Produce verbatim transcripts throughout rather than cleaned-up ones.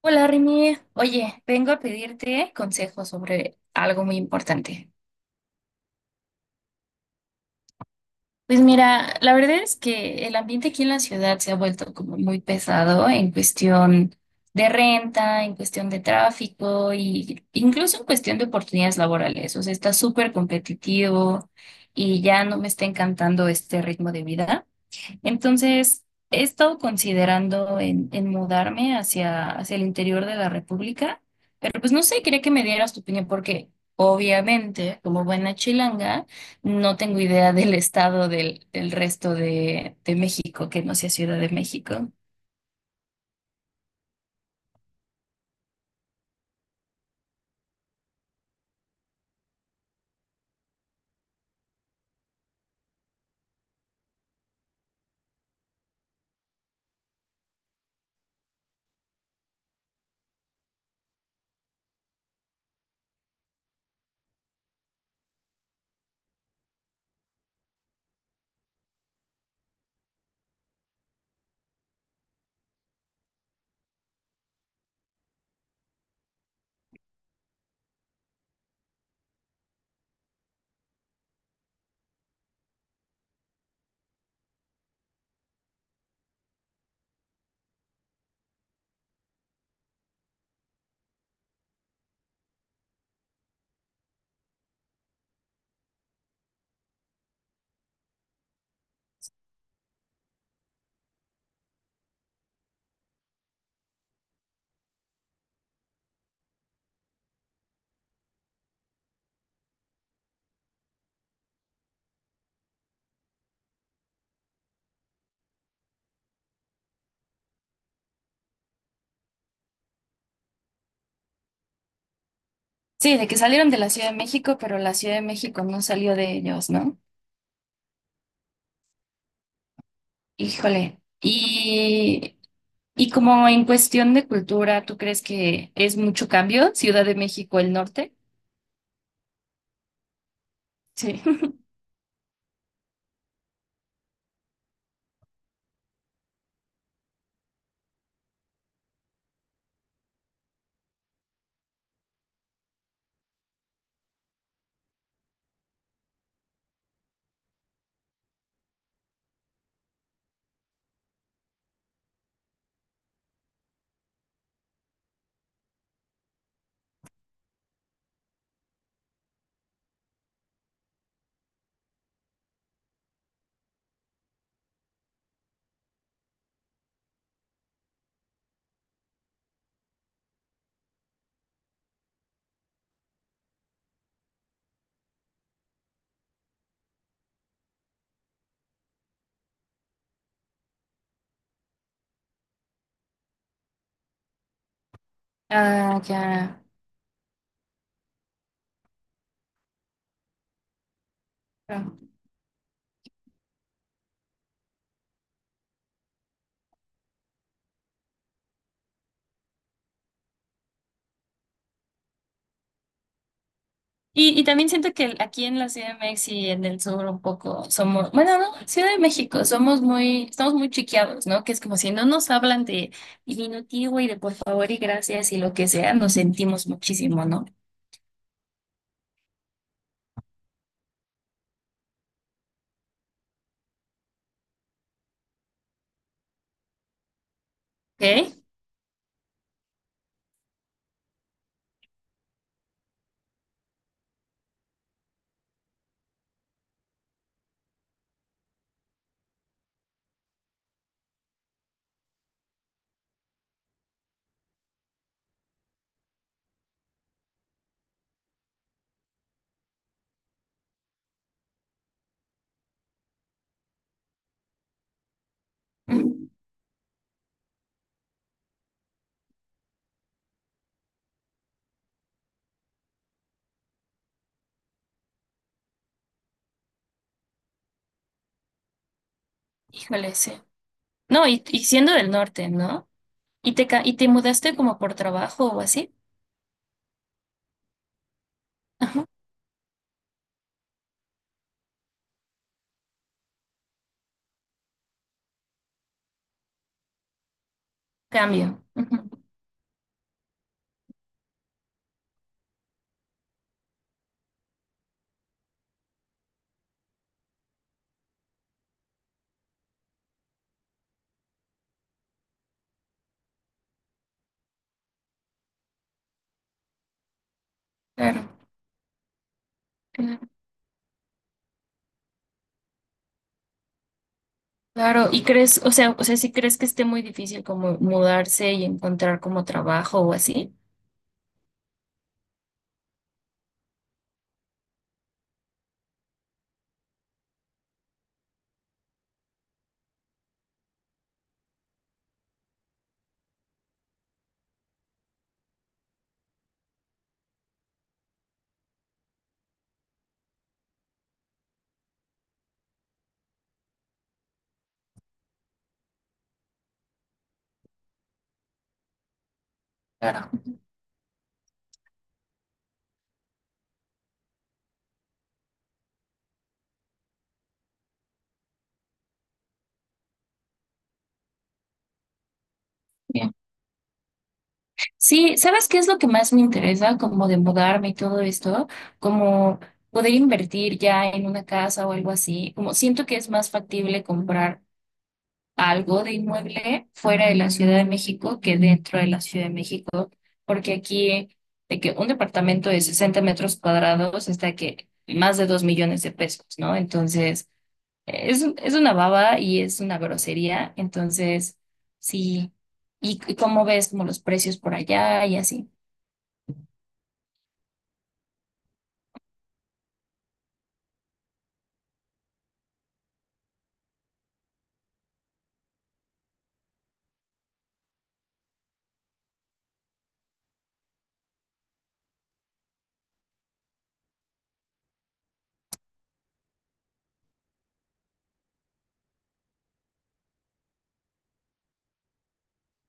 Hola Rini, oye, vengo a pedirte consejos sobre algo muy importante. Pues mira, la verdad es que el ambiente aquí en la ciudad se ha vuelto como muy pesado en cuestión de renta, en cuestión de tráfico y incluso en cuestión de oportunidades laborales. O sea, está súper competitivo y ya no me está encantando este ritmo de vida. Entonces, he estado considerando en, en mudarme hacia, hacia el interior de la República, pero pues no sé, quería que me dieras tu opinión porque obviamente, como buena chilanga, no tengo idea del estado del, del resto de, de México, que no sea Ciudad de México. Sí, de que salieron de la Ciudad de México, pero la Ciudad de México no salió de ellos, ¿no? Híjole. Y, y como en cuestión de cultura, ¿tú crees que es mucho cambio Ciudad de México el norte? Sí. Ah, ya. Claro. Y, y también siento que aquí en la Ciudad de México y en el sur un poco somos, bueno, no, Ciudad de México, somos muy, estamos muy chiqueados, ¿no? Que es como si no nos hablan de diminutivo y de por favor y gracias y lo que sea, nos sentimos muchísimo, ¿no? ¿Ok? Mm. Híjole, sí. No, y, y siendo del norte, ¿no? Y te, ca- y te mudaste como por trabajo o así. Ajá. Cambio. Ujú. Claro. Claro, y crees, o sea, o sea, si crees que esté muy difícil como mudarse y encontrar como trabajo o así. Claro. Bien. Sí, ¿sabes qué es lo que más me interesa como de mudarme y todo esto? Como poder invertir ya en una casa o algo así. Como siento que es más factible comprar algo de inmueble fuera de la Ciudad de México que dentro de la Ciudad de México, porque aquí de que un departamento de sesenta metros cuadrados está que más de dos millones de pesos, ¿no? Entonces, es, un- es una baba y es una grosería, entonces, sí. ¿Y, y cómo ves como los precios por allá y así?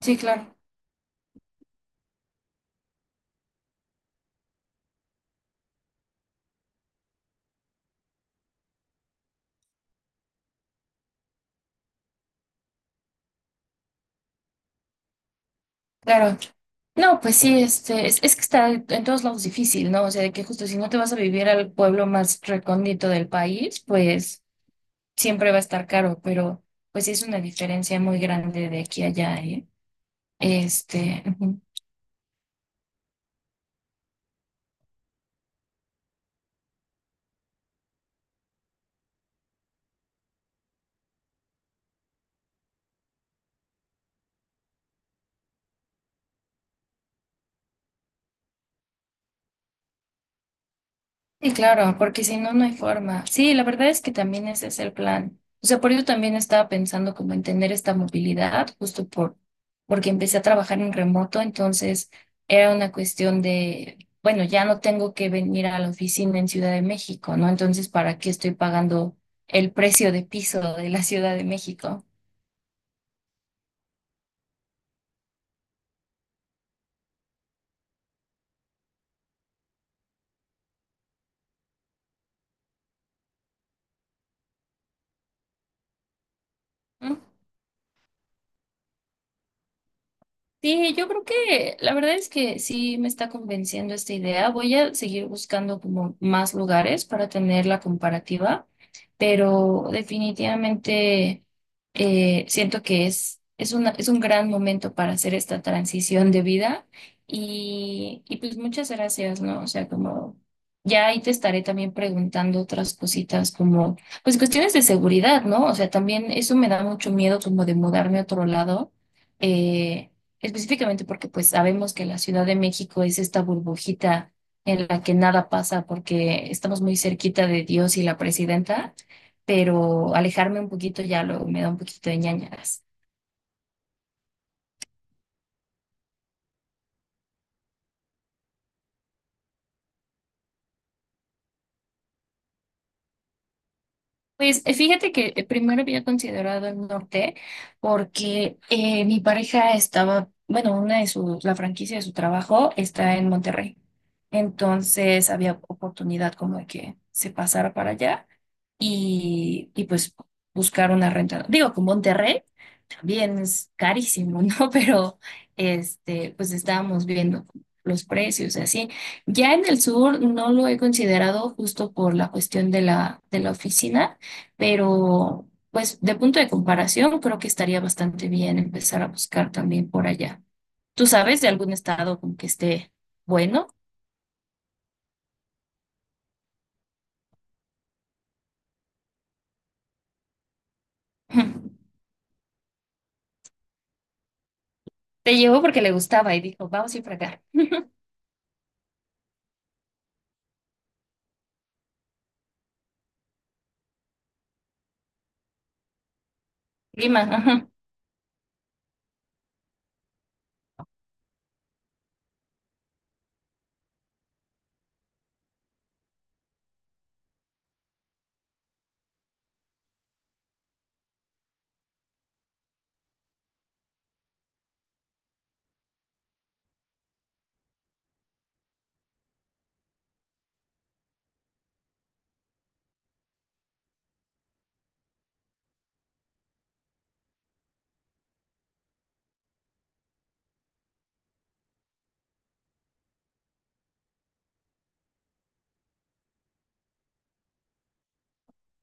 Sí, claro, claro. No, pues sí, este, es, es que está en todos lados difícil, ¿no? O sea, de que justo si no te vas a vivir al pueblo más recóndito del país, pues siempre va a estar caro, pero pues sí es una diferencia muy grande de aquí a allá, ¿eh? Este, ujú. Sí, claro, porque si no, no hay forma. Sí, la verdad es que también ese es el plan. O sea, por ello también estaba pensando como en tener esta movilidad, justo por, porque empecé a trabajar en remoto, entonces era una cuestión de, bueno, ya no tengo que venir a la oficina en Ciudad de México, ¿no? Entonces, ¿para qué estoy pagando el precio de piso de la Ciudad de México? Sí, yo creo que la verdad es que sí me está convenciendo esta idea. Voy a seguir buscando como más lugares para tener la comparativa, pero definitivamente eh, siento que es, es una, es un gran momento para hacer esta transición de vida y, y pues muchas gracias, ¿no? O sea, como ya ahí te estaré también preguntando otras cositas como, pues cuestiones de seguridad, ¿no? O sea, también eso me da mucho miedo como de mudarme a otro lado. Eh, Específicamente porque pues sabemos que la Ciudad de México es esta burbujita en la que nada pasa porque estamos muy cerquita de Dios y la presidenta, pero alejarme un poquito ya luego me da un poquito de ñañaras. Pues eh, fíjate que eh, primero había considerado el norte porque eh, mi pareja estaba, bueno, una de sus, la franquicia de su trabajo está en Monterrey. Entonces había oportunidad como de que se pasara para allá y, y pues buscar una renta. Digo, con Monterrey bien, es carísimo, ¿no? Pero este, pues estábamos viendo los precios así. Ya en el sur no lo he considerado justo por la cuestión de la, de la oficina, pero pues de punto de comparación creo que estaría bastante bien empezar a buscar también por allá. ¿Tú sabes de algún estado con que esté bueno? Te llevó porque le gustaba y dijo, vamos a ir para acá. Lima, ajá.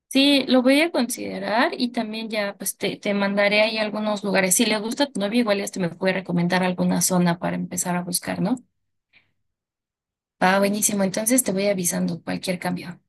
Sí, lo voy a considerar y también ya pues te, te mandaré ahí algunos lugares. Si le gusta a tu novio, igual este me puede recomendar alguna zona para empezar a buscar, ¿no? Ah, buenísimo. Entonces te voy avisando cualquier cambio.